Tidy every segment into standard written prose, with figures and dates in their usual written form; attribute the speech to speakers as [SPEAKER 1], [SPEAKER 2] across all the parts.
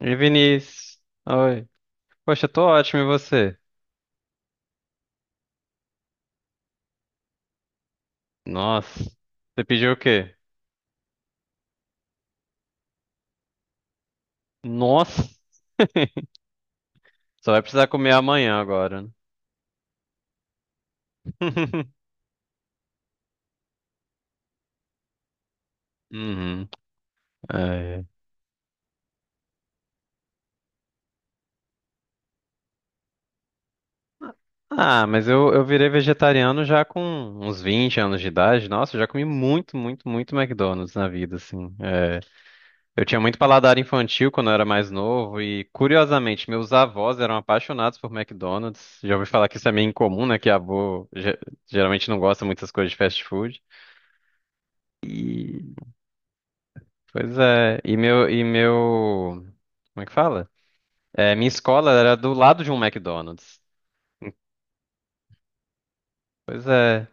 [SPEAKER 1] E Vinícius? Oi. Poxa, eu tô ótimo, e você? Nossa. Você pediu o quê? Nossa. Só vai precisar comer amanhã agora, né? Uhum. É. Ah, mas eu virei vegetariano já com uns 20 anos de idade. Nossa, eu já comi muito, muito, muito McDonald's na vida, assim. É. Eu tinha muito paladar infantil quando eu era mais novo e, curiosamente, meus avós eram apaixonados por McDonald's. Já ouvi falar que isso é meio incomum, né? Que avô geralmente não gosta muito das coisas de fast food. E, pois é, e meu, como é que fala? É, minha escola era do lado de um McDonald's. Pois é,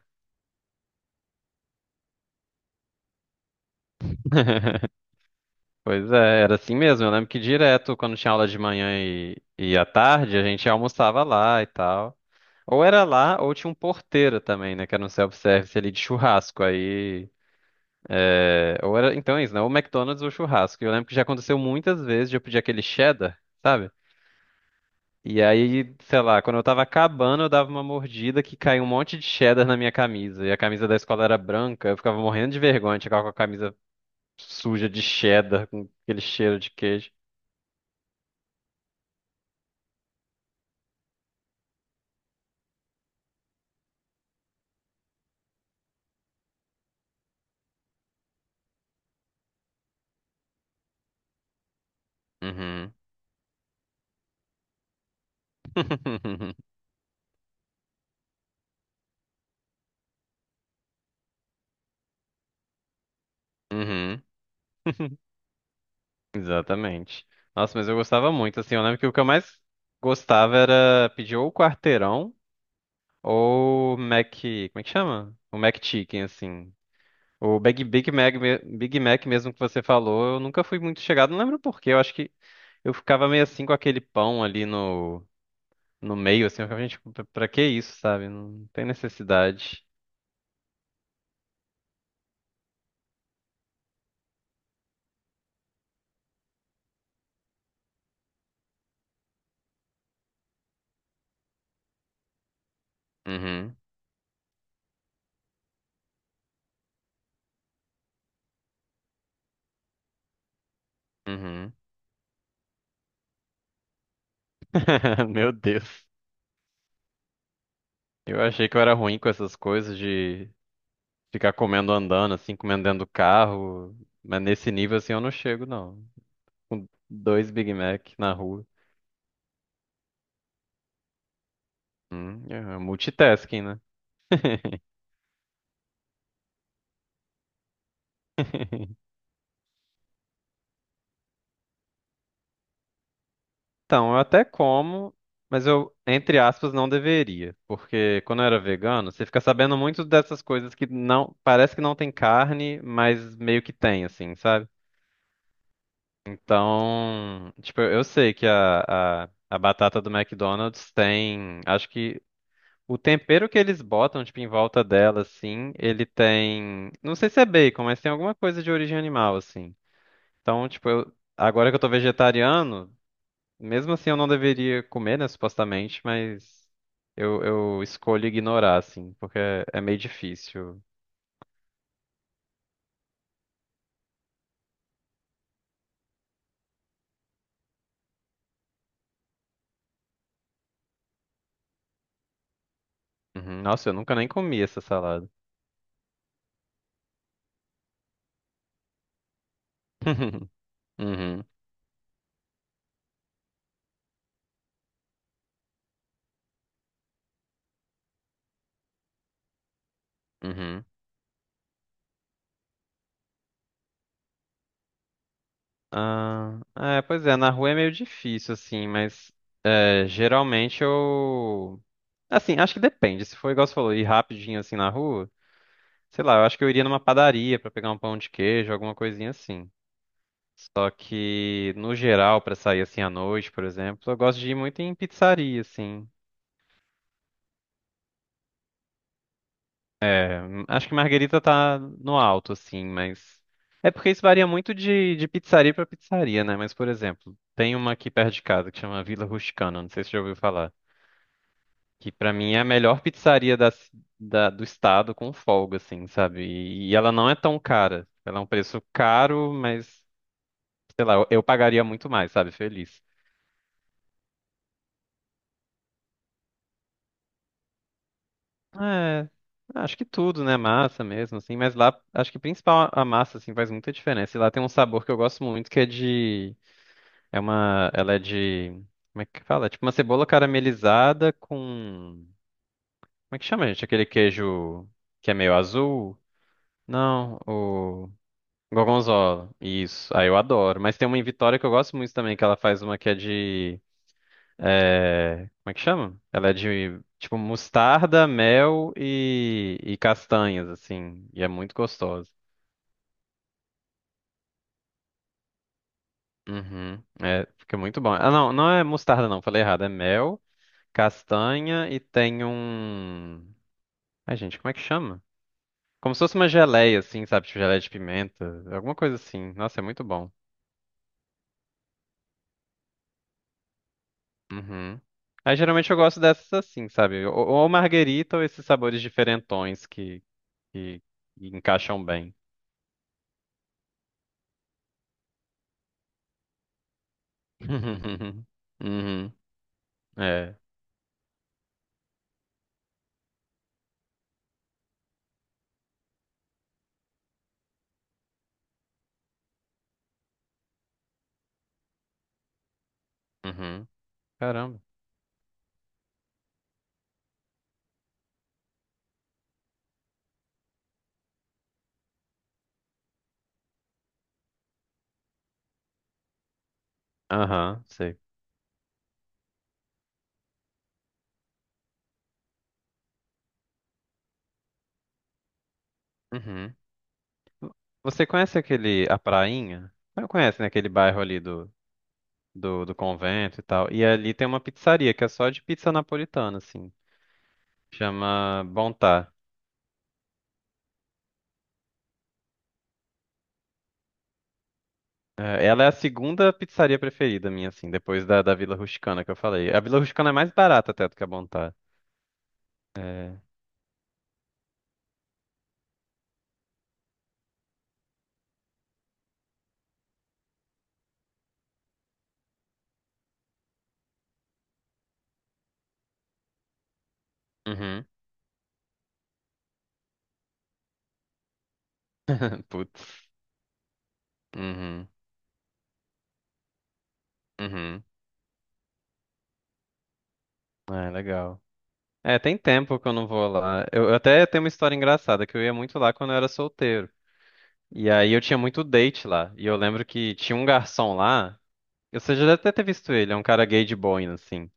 [SPEAKER 1] pois é, era assim mesmo. Eu lembro que direto, quando tinha aula de manhã e à tarde, a gente almoçava lá e tal. Ou era lá, ou tinha um porteiro também, né, que era um self-service ali de churrasco. Aí, é, ou era, então é isso, né, ou McDonald's ou churrasco. E eu lembro que já aconteceu muitas vezes de eu pedir aquele cheddar, sabe? E aí, sei lá, quando eu tava acabando, eu dava uma mordida que caiu um monte de cheddar na minha camisa. E a camisa da escola era branca, eu ficava morrendo de vergonha de chegar com a camisa suja de cheddar, com aquele cheiro de queijo. Uhum. Uhum. Exatamente. Nossa, mas eu gostava muito, assim, eu lembro que o que eu mais gostava era pedir ou quarteirão ou Mac, como é que chama? O Mac Chicken, assim. O Big Mac mesmo que você falou, eu nunca fui muito chegado, não lembro por quê, eu acho que eu ficava meio assim com aquele pão ali no meio, assim, eu ficava, gente, pra que isso, sabe? Não tem necessidade. Uhum, uhum. Meu Deus. Eu achei que eu era ruim com essas coisas de ficar comendo andando, assim, comendo dentro do carro. Mas nesse nível, assim, eu não chego, não. Com dois Big Mac na rua. É multitasking, né? Então, eu até como, mas eu, entre aspas, não deveria. Porque quando eu era vegano, você fica sabendo muito dessas coisas que não, parece que não tem carne, mas meio que tem, assim, sabe? Então, tipo, eu sei que a batata do McDonald's tem, acho que o tempero que eles botam, tipo, em volta dela, assim, ele tem, não sei se é bacon, mas tem alguma coisa de origem animal, assim. Então, tipo, eu, agora que eu tô vegetariano, mesmo assim, eu não deveria comer, né, supostamente, mas eu escolho ignorar, assim, porque é meio difícil. Uhum. Nossa, eu nunca nem comi essa salada. Uhum, uhum. Ah, é, pois é, na rua é meio difícil, assim, mas é, geralmente eu. Assim, acho que depende. Se for igual você falou, ir rapidinho assim na rua, sei lá, eu acho que eu iria numa padaria pra pegar um pão de queijo, alguma coisinha assim. Só que, no geral, pra sair assim à noite, por exemplo, eu gosto de ir muito em pizzaria, assim. Acho que Marguerita tá no alto, assim, mas. É porque isso varia muito de pizzaria pra pizzaria, né? Mas, por exemplo, tem uma aqui perto de casa que chama Vila Rusticana, não sei se você já ouviu falar. Que pra mim é a melhor pizzaria da, do estado com folga, assim, sabe? E ela não é tão cara. Ela é um preço caro, mas, sei lá, eu pagaria muito mais, sabe? Feliz. É, acho que tudo, né? Massa mesmo, assim. Mas lá, acho que principal a massa, assim, faz muita diferença. E lá tem um sabor que eu gosto muito, que é de... É uma... Ela é de... Como é que fala? É tipo uma cebola caramelizada com... Como é que chama, gente? Aquele queijo que é meio azul? Não, o... Gorgonzola. Isso. Aí eu adoro. Mas tem uma em Vitória que eu gosto muito também, que ela faz uma que é de... É, como é que chama? Ela é de tipo mostarda, mel e castanhas, assim. E é muito gostosa. Uhum. É, fica muito bom. Ah, não, não é mostarda, não. Falei errado. É mel, castanha e tem um. Ai, gente, como é que chama? Como se fosse uma geleia, assim, sabe? Tipo geleia de pimenta, alguma coisa assim. Nossa, é muito bom. Uhum. Aí geralmente eu gosto dessas assim, sabe? Ou marguerita ou esses sabores diferentões que, que que encaixam bem. Uhum. Uhum. É. Uhum. Caramba. Aham, sei. Uhum. Você conhece aquele, a Prainha? Você conhece, né? Aquele bairro ali do convento e tal. E ali tem uma pizzaria que é só de pizza napolitana, assim. Chama Bontá. É, ela é a segunda pizzaria preferida minha, assim, depois da Vila Rusticana que eu falei. A Vila Rusticana é mais barata até do que a Bontá. É. Uhum. Putz. Uhum. Uhum. É, legal. É, tem tempo que eu não vou lá. Eu até tenho uma história engraçada, que eu ia muito lá quando eu era solteiro. E aí eu tinha muito date lá. E eu lembro que tinha um garçom lá. Você já deve até ter visto ele, é um cara gay de boina, assim.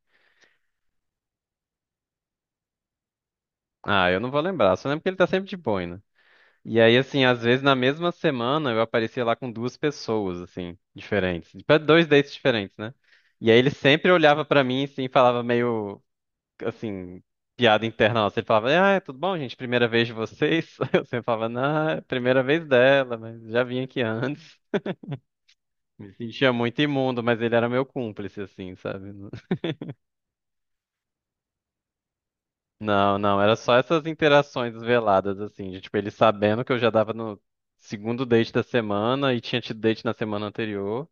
[SPEAKER 1] Ah, eu não vou lembrar, só lembro que ele tá sempre de boina. E aí, assim, às vezes na mesma semana eu aparecia lá com duas pessoas, assim, diferentes. Pra dois dates diferentes, né? E aí ele sempre olhava pra mim, assim, e falava meio assim, piada interna nossa. Ele falava, ah, é, tudo bom, gente? Primeira vez de vocês? Eu sempre falava, não, é a primeira vez dela, mas já vim aqui antes. Me sentia muito imundo, mas ele era meu cúmplice, assim, sabe? Não, não, era só essas interações veladas, assim, de, tipo, ele sabendo que eu já dava no segundo date da semana e tinha tido date na semana anterior.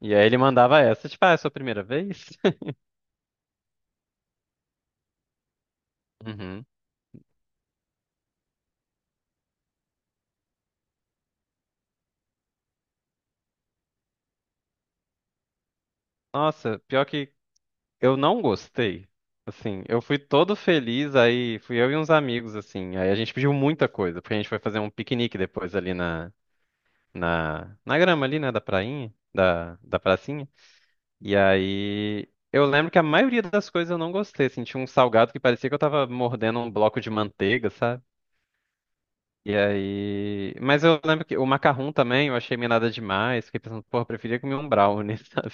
[SPEAKER 1] E aí ele mandava essa, tipo, ah, é a sua primeira vez? Uhum. Nossa, pior que eu não gostei. Assim, eu fui todo feliz, aí fui eu e uns amigos, assim. Aí a gente pediu muita coisa, porque a gente foi fazer um piquenique depois ali na grama ali, né, da prainha, da pracinha. E aí eu lembro que a maioria das coisas eu não gostei, assim, tinha um salgado que parecia que eu tava mordendo um bloco de manteiga, sabe? E aí. Mas eu lembro que o macarrão também eu achei meio nada demais. Fiquei pensando, porra, eu preferia comer um brownie, sabe?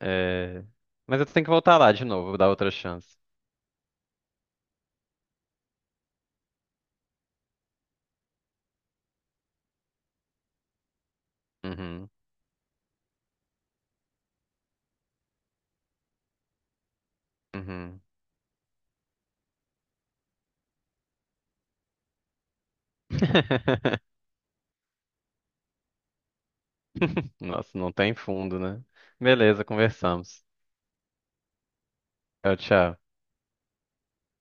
[SPEAKER 1] É... Mas eu tenho que voltar lá de novo, dar outra chance. Uhum. Uhum. Nossa, não tem fundo, né? Beleza, conversamos. Tchau, tchau.